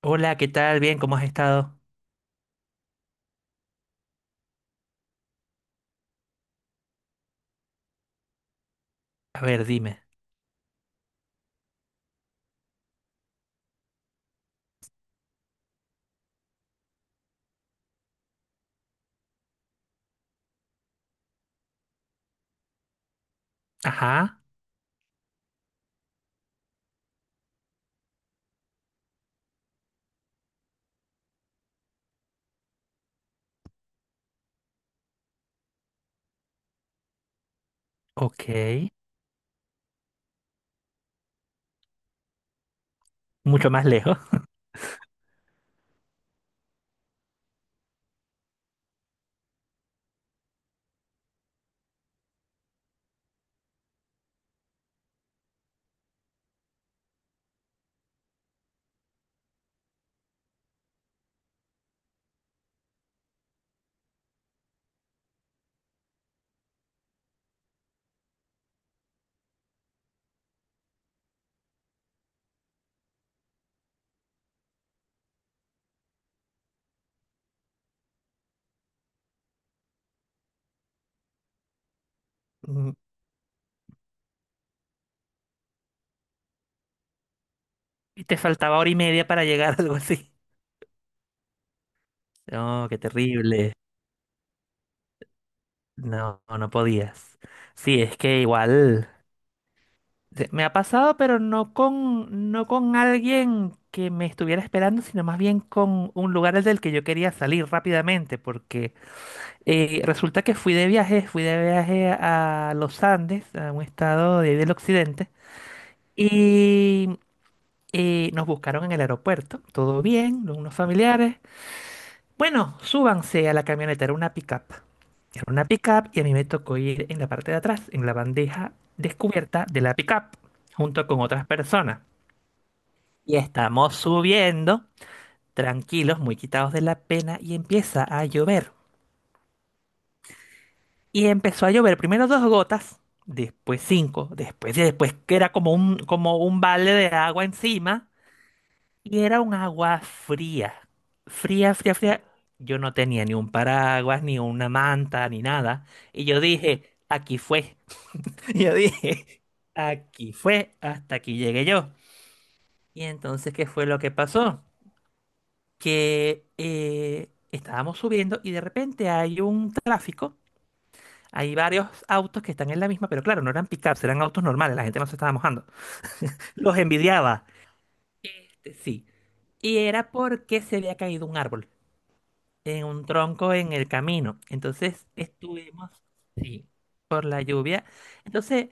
Hola, ¿qué tal? Bien, ¿cómo has estado? A ver, dime. Ajá, ok. Mucho más lejos. Mm, Y te faltaba hora y media para llegar, algo así. No, qué terrible. No, no podías. Sí, es que igual me ha pasado, pero no con alguien que me estuviera esperando, sino más bien con un lugar del que yo quería salir rápidamente, porque resulta que fui de viaje a los Andes, a un estado de ahí del occidente. Y nos buscaron en el aeropuerto, todo bien, unos familiares. Bueno, súbanse a la camioneta, era una pickup. Era una pickup y a mí me tocó ir en la parte de atrás, en la bandeja descubierta de la pickup, junto con otras personas. Y estamos subiendo, tranquilos, muy quitados de la pena, y empieza a llover. Y empezó a llover, primero dos gotas, después cinco, después que era como un balde de agua encima. Y era un agua fría. Fría, fría, fría. Yo no tenía ni un paraguas, ni una manta, ni nada. Y yo dije, aquí fue. Yo dije, aquí fue, hasta aquí llegué yo. Y entonces, ¿qué fue lo que pasó? Que estábamos subiendo y de repente hay un tráfico. Hay varios autos que están en la misma, pero claro, no eran pickups, eran autos normales. La gente no se estaba mojando. Los envidiaba. Sí. Y era porque se había caído un árbol en un tronco en el camino. Entonces estuvimos, sí, por la lluvia. Entonces,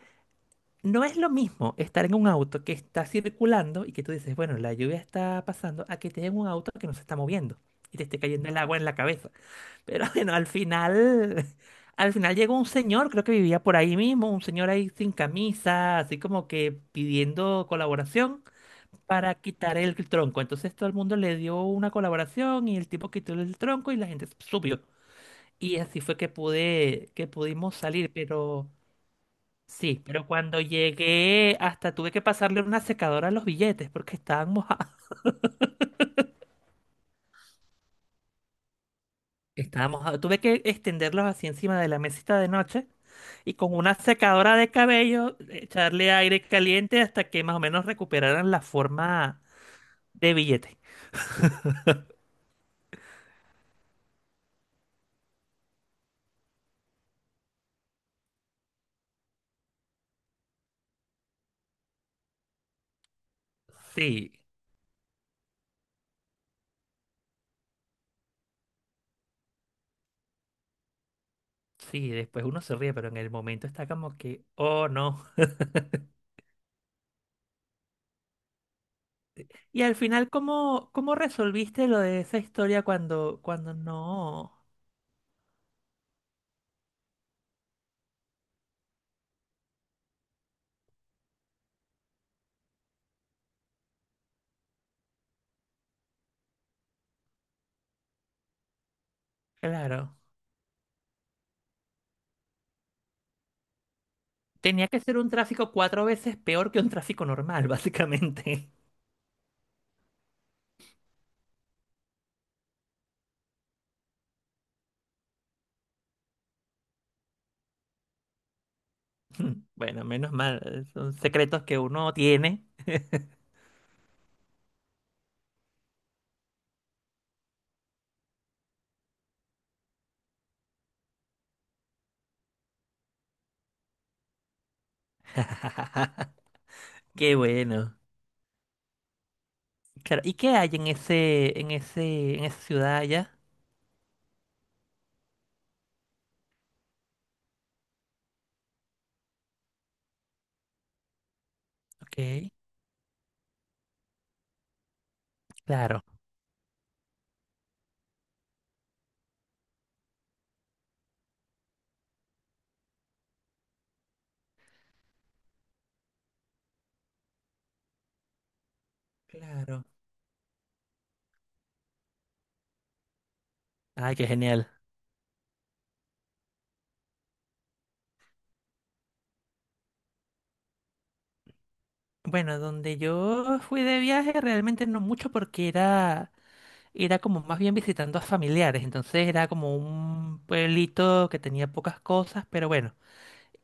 no es lo mismo estar en un auto que está circulando y que tú dices, bueno, la lluvia está pasando, a que estés en un auto que no se está moviendo y te esté cayendo el agua en la cabeza. Pero bueno, al final llegó un señor, creo que vivía por ahí mismo, un señor ahí sin camisa, así como que pidiendo colaboración para quitar el tronco. Entonces todo el mundo le dio una colaboración y el tipo quitó el tronco y la gente subió. Y así fue que pudimos salir, pero sí, pero cuando llegué hasta tuve que pasarle una secadora a los billetes porque estaban mojados. Estaban mojados. Tuve que extenderlos así encima de la mesita de noche y con una secadora de cabello echarle aire caliente hasta que más o menos recuperaran la forma de billete. Sí, sí, después uno se ríe, pero en el momento está como que, oh no. Y al final, ¿cómo resolviste lo de esa historia cuando no? Claro. Tenía que ser un tráfico cuatro veces peor que un tráfico normal, básicamente. Bueno, menos mal. Son secretos que uno tiene. Qué bueno. Claro. ¿Y qué hay en esa ciudad allá? Ok. Claro. Claro. Ay, qué genial. Bueno, donde yo fui de viaje realmente no mucho porque era como más bien visitando a familiares. Entonces era como un pueblito que tenía pocas cosas, pero bueno.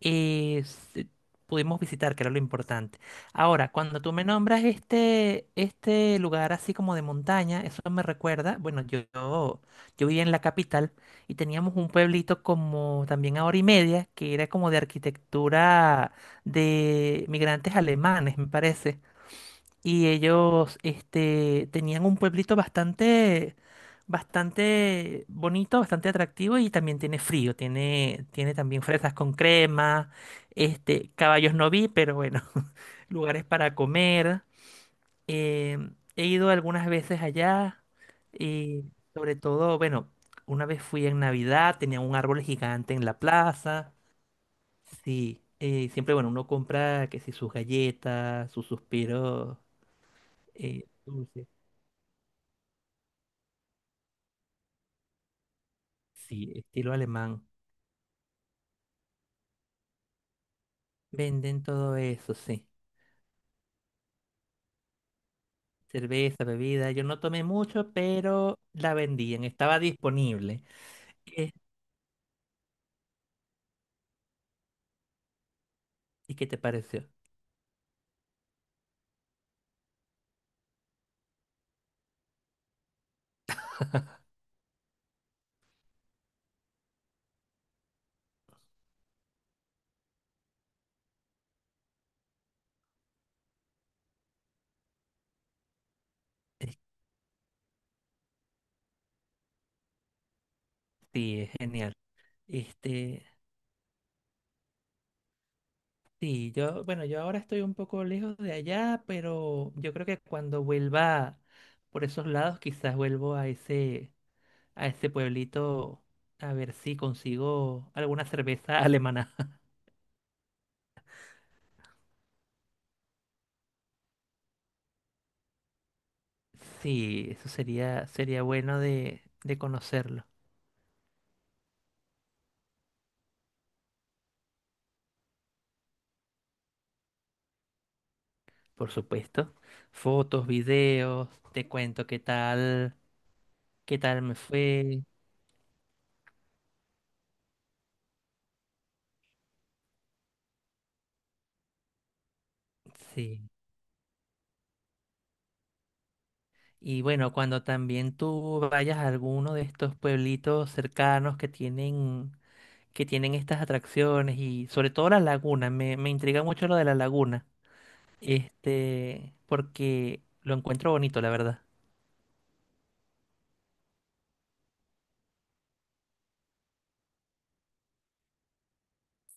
eh, se- Pudimos visitar, que era lo importante. Ahora, cuando tú me nombras este lugar así como de montaña, eso me recuerda, bueno, yo vivía en la capital y teníamos un pueblito como también a hora y media, que era como de arquitectura de migrantes alemanes, me parece. Y ellos, este, tenían un pueblito bastante, bastante bonito, bastante atractivo y también tiene frío, tiene también fresas con crema, este, caballos no vi, pero bueno, lugares para comer. He ido algunas veces allá y sobre todo, bueno, una vez fui en Navidad, tenía un árbol gigante en la plaza. Sí, siempre, bueno, uno compra que si sus galletas, sus suspiros dulces. Sí, estilo alemán. Venden todo eso, sí. Cerveza, bebida. Yo no tomé mucho, pero la vendían, estaba disponible. ¿Qué- ¿Y qué te pareció? Es- Sí, es genial. Este, sí, yo, bueno, yo ahora estoy un poco lejos de allá, pero yo creo que cuando vuelva por esos lados, quizás vuelvo a ese pueblito a ver si consigo alguna cerveza alemana. Sí, eso sería, sería bueno de conocerlo. Por supuesto. Fotos, videos, te cuento qué tal me fue. Sí. Y bueno, cuando también tú vayas a alguno de estos pueblitos cercanos que tienen estas atracciones y sobre todo la laguna, me intriga mucho lo de la laguna. Este, porque lo encuentro bonito, la verdad.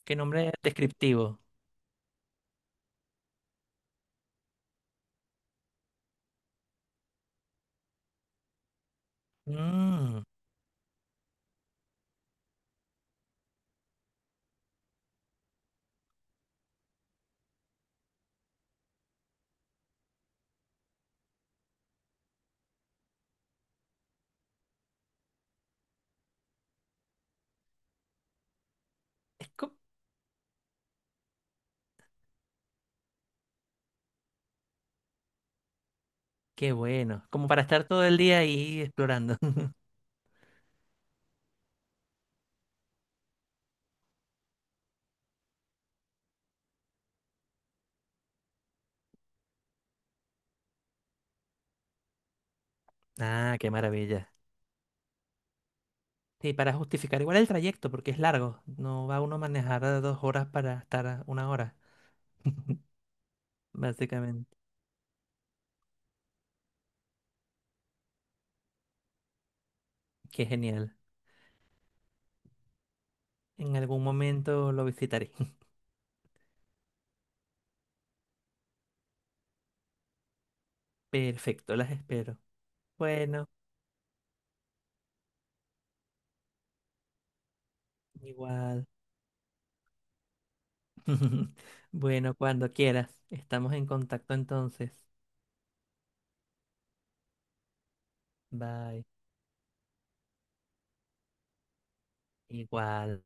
Qué nombre descriptivo. Mm, es co- Qué bueno. Como para estar todo el día ahí explorando. Ah, qué maravilla. Sí, para justificar igual el trayecto, porque es largo. No va uno a manejar a 2 horas para estar a 1 hora, básicamente. Qué genial. En algún momento lo visitaré. Perfecto, las espero. Bueno, igual. Bueno, cuando quieras. Estamos en contacto entonces. Bye. Igual.